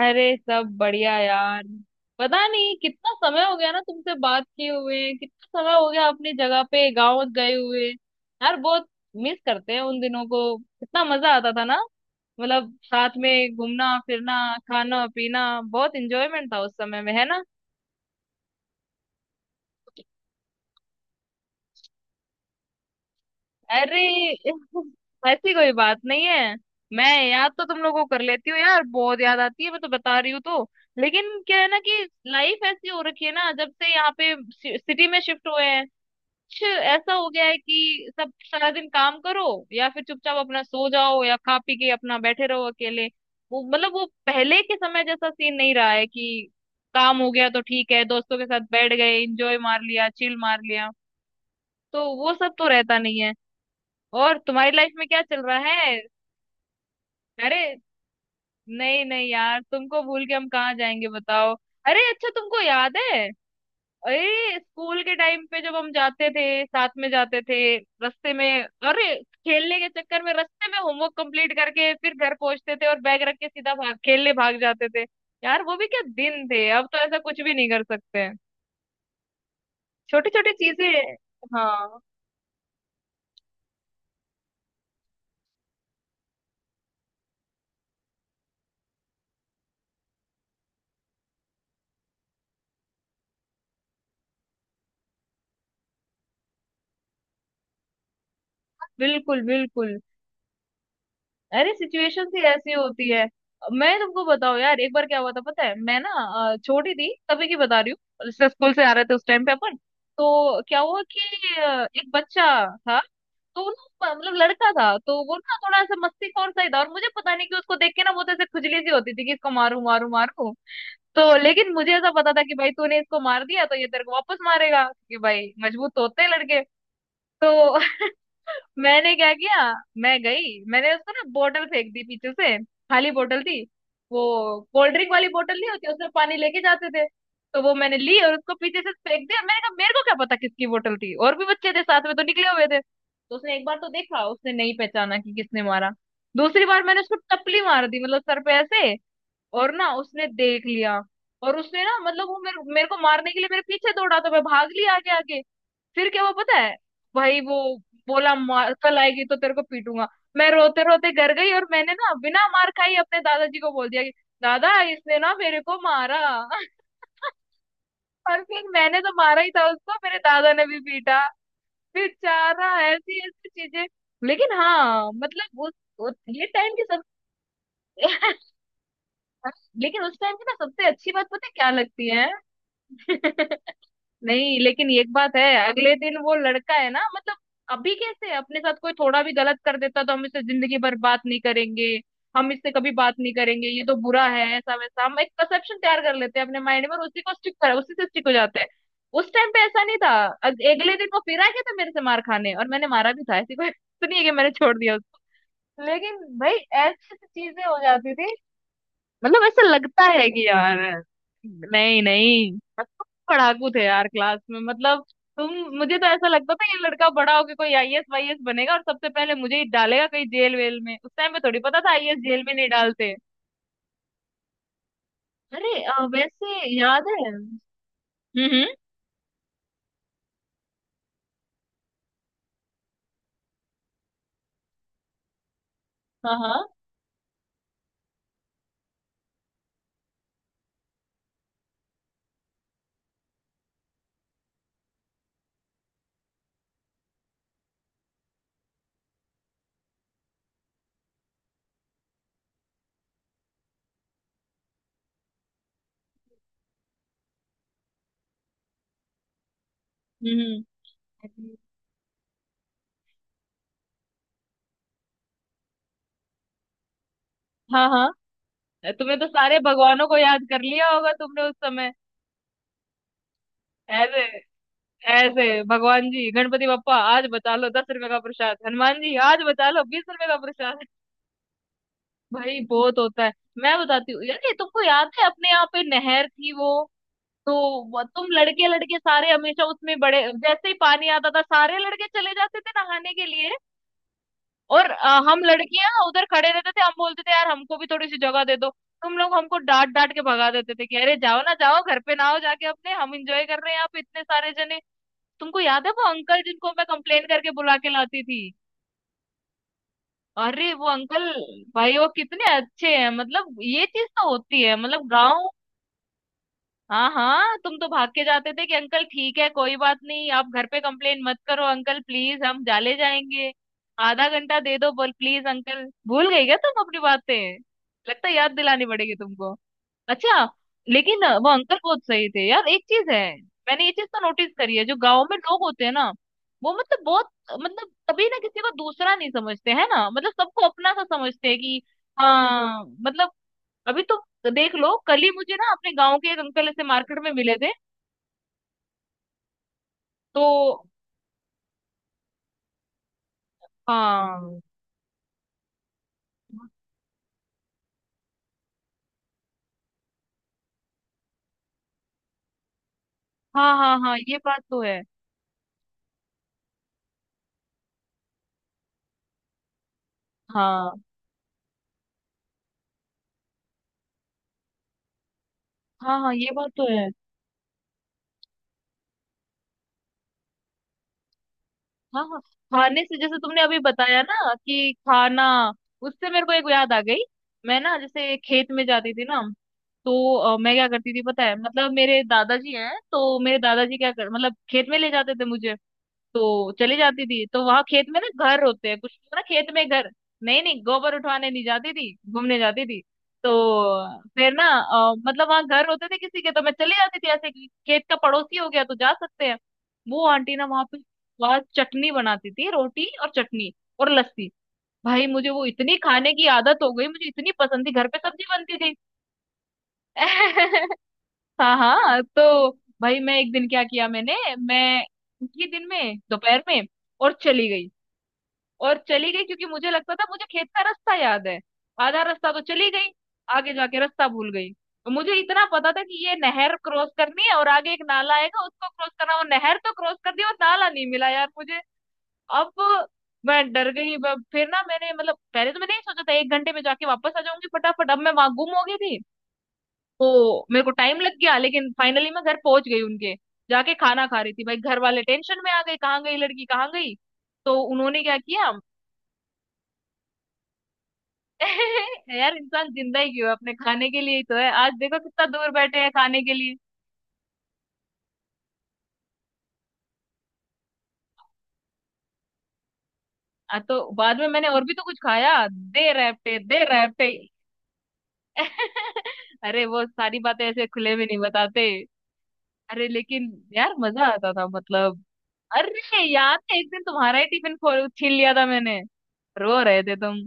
अरे, सब बढ़िया यार। पता नहीं कितना समय हो गया ना तुमसे बात किए हुए। कितना समय हो गया अपनी जगह पे गांव गए हुए यार, बहुत मिस करते हैं उन दिनों को। कितना मजा आता था ना, मतलब साथ में घूमना फिरना, खाना पीना। बहुत इंजॉयमेंट था उस समय में, है ना। अरे ऐसी कोई बात नहीं है। मैं याद तो तुम लोगों को कर लेती हूँ यार, बहुत याद आती है, मैं तो बता रही हूँ। तो लेकिन क्या है ना कि लाइफ ऐसी हो रखी है ना, जब से यहाँ पे सिटी में शिफ्ट हुए हैं, कुछ ऐसा हो गया है कि सब सारा दिन काम करो, या फिर चुपचाप अपना सो जाओ, या खा पी के अपना बैठे रहो अकेले। वो मतलब वो पहले के समय जैसा सीन नहीं रहा है कि काम हो गया तो ठीक है, दोस्तों के साथ बैठ गए, इंजॉय मार लिया, चिल मार लिया। तो वो सब तो रहता नहीं है। और तुम्हारी लाइफ में क्या चल रहा है। अरे, नहीं नहीं यार, तुमको भूल के हम कहाँ जाएंगे बताओ। अरे अच्छा, तुमको याद है, अरे स्कूल के टाइम पे जब हम जाते थे साथ में जाते थे रास्ते में, अरे खेलने के चक्कर में रास्ते में होमवर्क कंप्लीट करके फिर घर पहुंचते थे, और बैग रख के सीधा भाग खेलने भाग जाते थे। यार वो भी क्या दिन थे, अब तो ऐसा कुछ भी नहीं कर सकते हैं। छोटी छोटी चीजें। हाँ। बिल्कुल बिल्कुल। अरे सिचुएशन ही ऐसी होती है। मैं तुमको बताऊँ यार, एक बार क्या हुआ था पता है। मैं ना छोटी थी तभी की बता रही हूँ। जैसे स्कूल से आ रहे थे उस टाइम पे अपन। तो क्या हुआ कि एक बच्चा था, तो वो ना मतलब लड़का था, तो वो ना थोड़ा ऐसा मस्ती खौर सा ही था, और मुझे पता नहीं कि उसको देख के ना बहुत ऐसे खुजली सी होती थी कि इसको मारू मारू मारू। तो लेकिन मुझे ऐसा पता था कि भाई तूने इसको मार दिया तो ये तेरे को वापस मारेगा, कि भाई मजबूत तो होते हैं लड़के। तो मैंने क्या किया, मैं गई, मैंने उसको ना बोतल फेंक दी पीछे से, खाली बोतल थी वो। कोल्ड ड्रिंक वाली बोतल नहीं होती, उसमें पानी लेके जाते थे, तो वो मैंने ली और उसको पीछे से फेंक दिया। मैंने कहा मेरे को क्या पता किसकी बोतल थी, और भी बच्चे थे साथ में तो निकले हुए थे। तो उसने एक बार तो देखा, उसने नहीं पहचाना कि किसने मारा। दूसरी बार मैंने उसको टपली मार दी, मतलब सर पे ऐसे, और ना उसने देख लिया। और उसने ना मतलब वो मेरे मेरे को मारने के लिए मेरे पीछे दौड़ा, तो मैं भाग लिया आगे आगे। फिर क्या हुआ पता है, भाई वो बोला मार, कल आएगी तो तेरे को पीटूंगा। मैं रोते रोते घर गई, और मैंने ना बिना मार खाई अपने दादाजी को बोल दिया कि दादा इसने ना मेरे को मारा। और फिर मैंने तो मारा ही था उसको, मेरे दादा ने भी पीटा। फिर चारा ऐसी ऐसी चीजें। लेकिन हाँ मतलब उस ये टाइम की सब। लेकिन उस टाइम की ना सबसे अच्छी बात पता है क्या लगती है। नहीं, लेकिन एक बात है, अगले दिन वो लड़का है ना, मतलब अभी कैसे अपने साथ कोई थोड़ा भी गलत कर देता तो हम इससे जिंदगी भर बात नहीं करेंगे, हम इससे कभी बात नहीं करेंगे, ये तो बुरा है ऐसा वैसा। हम एक परसेप्शन तैयार कर लेते हैं अपने माइंड में, और उसी को स्टिक कर, उसी से स्टिक हो जाते हैं। उस टाइम पे ऐसा नहीं था, अगले दिन वो फिर आ गया था मेरे से मार खाने, और मैंने मारा भी था, ऐसी कोई तो नहीं है कि मैंने छोड़ दिया उसको। लेकिन भाई ऐसी ऐसी चीजें हो जाती थी। मतलब ऐसा लगता है कि यार। नहीं नहीं, पर तुम पढ़ाकू थे यार क्लास में, मतलब तुम, मुझे तो ऐसा लगता था ये लड़का बड़ा होके कोई आईएएस वाईएएस बनेगा, और सबसे पहले मुझे ही डालेगा कहीं जेल वेल में। उस टाइम पे थोड़ी पता था आईएएस जेल में नहीं डालते। अरे वैसे याद है। हम्म हम्म, हाँ हाँ। हम्म। हाँ हाँ। तुम्हें तो सारे भगवानों को याद कर लिया होगा तुमने उस समय। ऐसे ऐसे भगवान जी, गणपति बप्पा आज बचा लो 10 रुपए का प्रसाद, हनुमान जी आज बचा लो 20 रुपए का। भाई बहुत होता है। मैं बताती हूँ यार, ये तुमको याद है अपने यहाँ पे नहर थी वो तुम लड़के लड़के सारे हमेशा उसमें, बड़े जैसे ही पानी आता था सारे लड़के चले जाते थे नहाने के लिए। और हम लड़कियां उधर खड़े रहते थे, हम बोलते थे यार हमको भी थोड़ी सी जगह दे दो। तुम लोग हमको डांट डांट के भगा देते थे, कि अरे जाओ ना, जाओ घर पे ना हो, जाके अपने, हम इंजॉय कर रहे हैं यहाँ पे इतने सारे जने। तुमको याद है वो अंकल, जिनको मैं कंप्लेन करके बुला के लाती थी। अरे वो अंकल, भाई वो कितने अच्छे हैं, मतलब ये चीज तो होती है मतलब गांव। हाँ हाँ, तुम तो भाग के जाते थे कि अंकल ठीक है कोई बात नहीं, आप घर पे कंप्लेन मत करो अंकल प्लीज, हम जाले जाएंगे, आधा घंटा दे दो बोल प्लीज अंकल। भूल गई क्या तुम अपनी बातें, लगता है याद दिलानी पड़ेगी तुमको। अच्छा, लेकिन वो अंकल बहुत सही थे यार, एक चीज है, मैंने ये चीज तो नोटिस करी है, जो गाँव में लोग होते हैं ना, वो मतलब बहुत, मतलब कभी ना किसी को दूसरा नहीं समझते है ना, मतलब सबको अपना सा समझते हैं कि। हाँ मतलब अभी तो देख लो, कल ही मुझे ना अपने गांव के एक अंकल ऐसे मार्केट में मिले थे। तो हाँ हाँ हाँ हाँ, ये बात तो है। हाँ हाँ हाँ, ये बात तो है। हाँ हाँ, खाने से, जैसे तुमने अभी बताया ना कि खाना, उससे मेरे को एक याद आ गई। मैं ना जैसे खेत में जाती थी ना, तो मैं क्या करती थी पता है, मतलब मेरे दादाजी हैं, तो मेरे दादाजी क्या कर मतलब खेत में ले जाते थे मुझे, तो चली जाती थी। तो वहां खेत में ना घर होते हैं कुछ ना, खेत में घर। नहीं नहीं, गोबर उठवाने नहीं जाती थी, घूमने जाती थी। तो फिर ना मतलब वहां घर होते थे किसी के, तो मैं चली जाती थी ऐसे कि खेत का पड़ोसी हो गया तो जा सकते हैं। वो आंटी ना वहां पे, वहां चटनी बनाती थी, रोटी और चटनी और लस्सी। भाई मुझे वो इतनी खाने की आदत हो गई, मुझे इतनी पसंद थी, घर पे सब्जी बनती थी। हाँ हाँ तो, भाई मैं एक दिन क्या किया मैंने, मैं उसी दिन में दोपहर में और चली गई। और चली गई क्योंकि मुझे लगता था मुझे खेत का रास्ता याद है। आधा रास्ता तो चली गई, आगे जाके रास्ता भूल गई। और मुझे इतना पता था कि ये नहर क्रॉस करनी है, और आगे एक नाला आएगा, उसको क्रॉस करना। वो नहर तो क्रॉस कर दी, और नाला नहीं मिला यार मुझे। अब मैं डर गई। फिर ना मैंने, मतलब पहले तो मैंने नहीं सोचा था, 1 घंटे में जाके वापस आ जाऊंगी फटाफट, अब मैं वहां गुम हो गई थी। तो मेरे को टाइम लग गया, लेकिन फाइनली मैं घर पहुंच गई उनके, जाके खाना खा रही थी। भाई घर वाले टेंशन में आ गए, कहाँ गई लड़की कहाँ गई, तो उन्होंने क्या किया। यार इंसान जिंदा ही क्यों है, अपने खाने के लिए ही तो है, आज देखो कितना दूर बैठे हैं खाने के लिए। तो बाद में मैंने और भी तो कुछ खाया, दे रैपटे दे रैपटे। अरे वो सारी बातें ऐसे खुले में नहीं बताते। अरे लेकिन यार मजा आता था, मतलब अरे याद है एक दिन तुम्हारा ही टिफिन खो छीन लिया था मैंने, रो रहे थे तुम।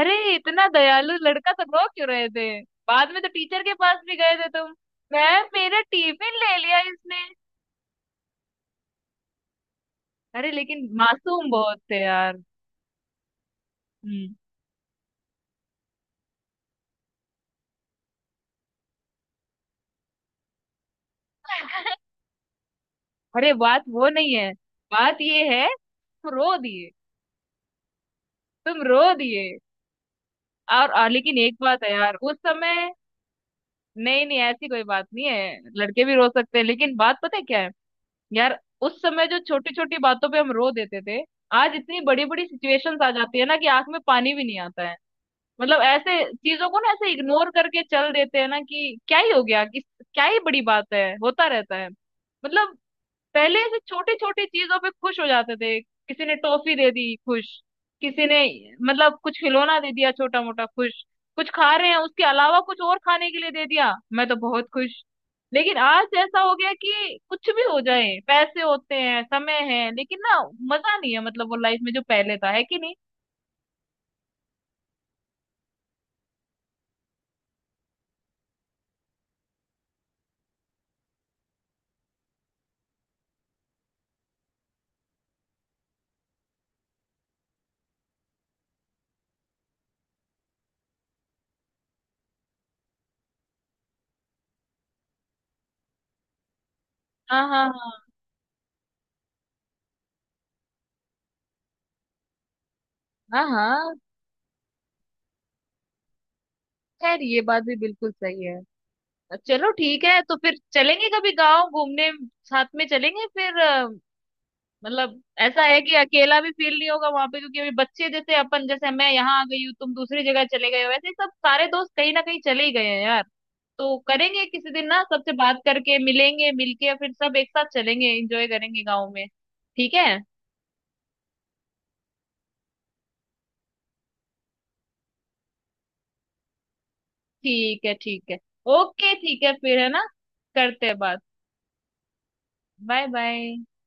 अरे इतना दयालु लड़का, तो रो क्यों रहे थे। बाद में तो टीचर के पास भी गए थे तुम, मैं मेरा टिफिन ले लिया इसने। अरे लेकिन मासूम बहुत थे यार। हम्म। अरे बात वो नहीं है, बात ये है, तुम रो दिए, तुम रो दिए। और लेकिन एक बात है यार उस समय, नहीं नहीं ऐसी कोई बात नहीं है, लड़के भी रो सकते हैं, लेकिन बात पता है क्या है यार, उस समय जो छोटी छोटी बातों पे हम रो देते थे, आज इतनी बड़ी बड़ी सिचुएशंस आ जाती है ना कि आंख में पानी भी नहीं आता है। मतलब ऐसे चीजों को ना ऐसे इग्नोर करके चल देते हैं ना, कि क्या ही हो गया, किस, क्या ही बड़ी बात है, होता रहता है। मतलब पहले ऐसे छोटी छोटी चीजों पे खुश हो जाते थे, किसी ने टॉफी दे दी, खुश। किसी ने, मतलब कुछ खिलौना दे दिया छोटा मोटा, खुश। कुछ खा रहे हैं, उसके अलावा कुछ और खाने के लिए दे दिया, मैं तो बहुत खुश। लेकिन आज ऐसा हो गया कि कुछ भी हो जाए, पैसे होते हैं, समय है, लेकिन ना मजा नहीं है, मतलब वो लाइफ में जो पहले था है कि नहीं। हाँ हाँ हाँ हाँ हाँ। खैर ये बात भी बिल्कुल सही है। चलो ठीक है, तो फिर चलेंगे कभी गांव घूमने, साथ में चलेंगे। फिर मतलब ऐसा है कि अकेला भी फील नहीं होगा वहां पे, क्योंकि अभी बच्चे जैसे अपन जैसे मैं यहाँ आ गई हूँ, तुम दूसरी जगह चले गए हो, वैसे ही सब सारे दोस्त कहीं ना कहीं चले ही गए हैं यार। तो करेंगे किसी दिन ना, सबसे बात करके मिलेंगे, मिलके फिर सब एक साथ चलेंगे, एंजॉय करेंगे गाँव में। ठीक है ठीक है। ठीक है, ओके ठीक है फिर, है ना, करते हैं बात। Bye bye.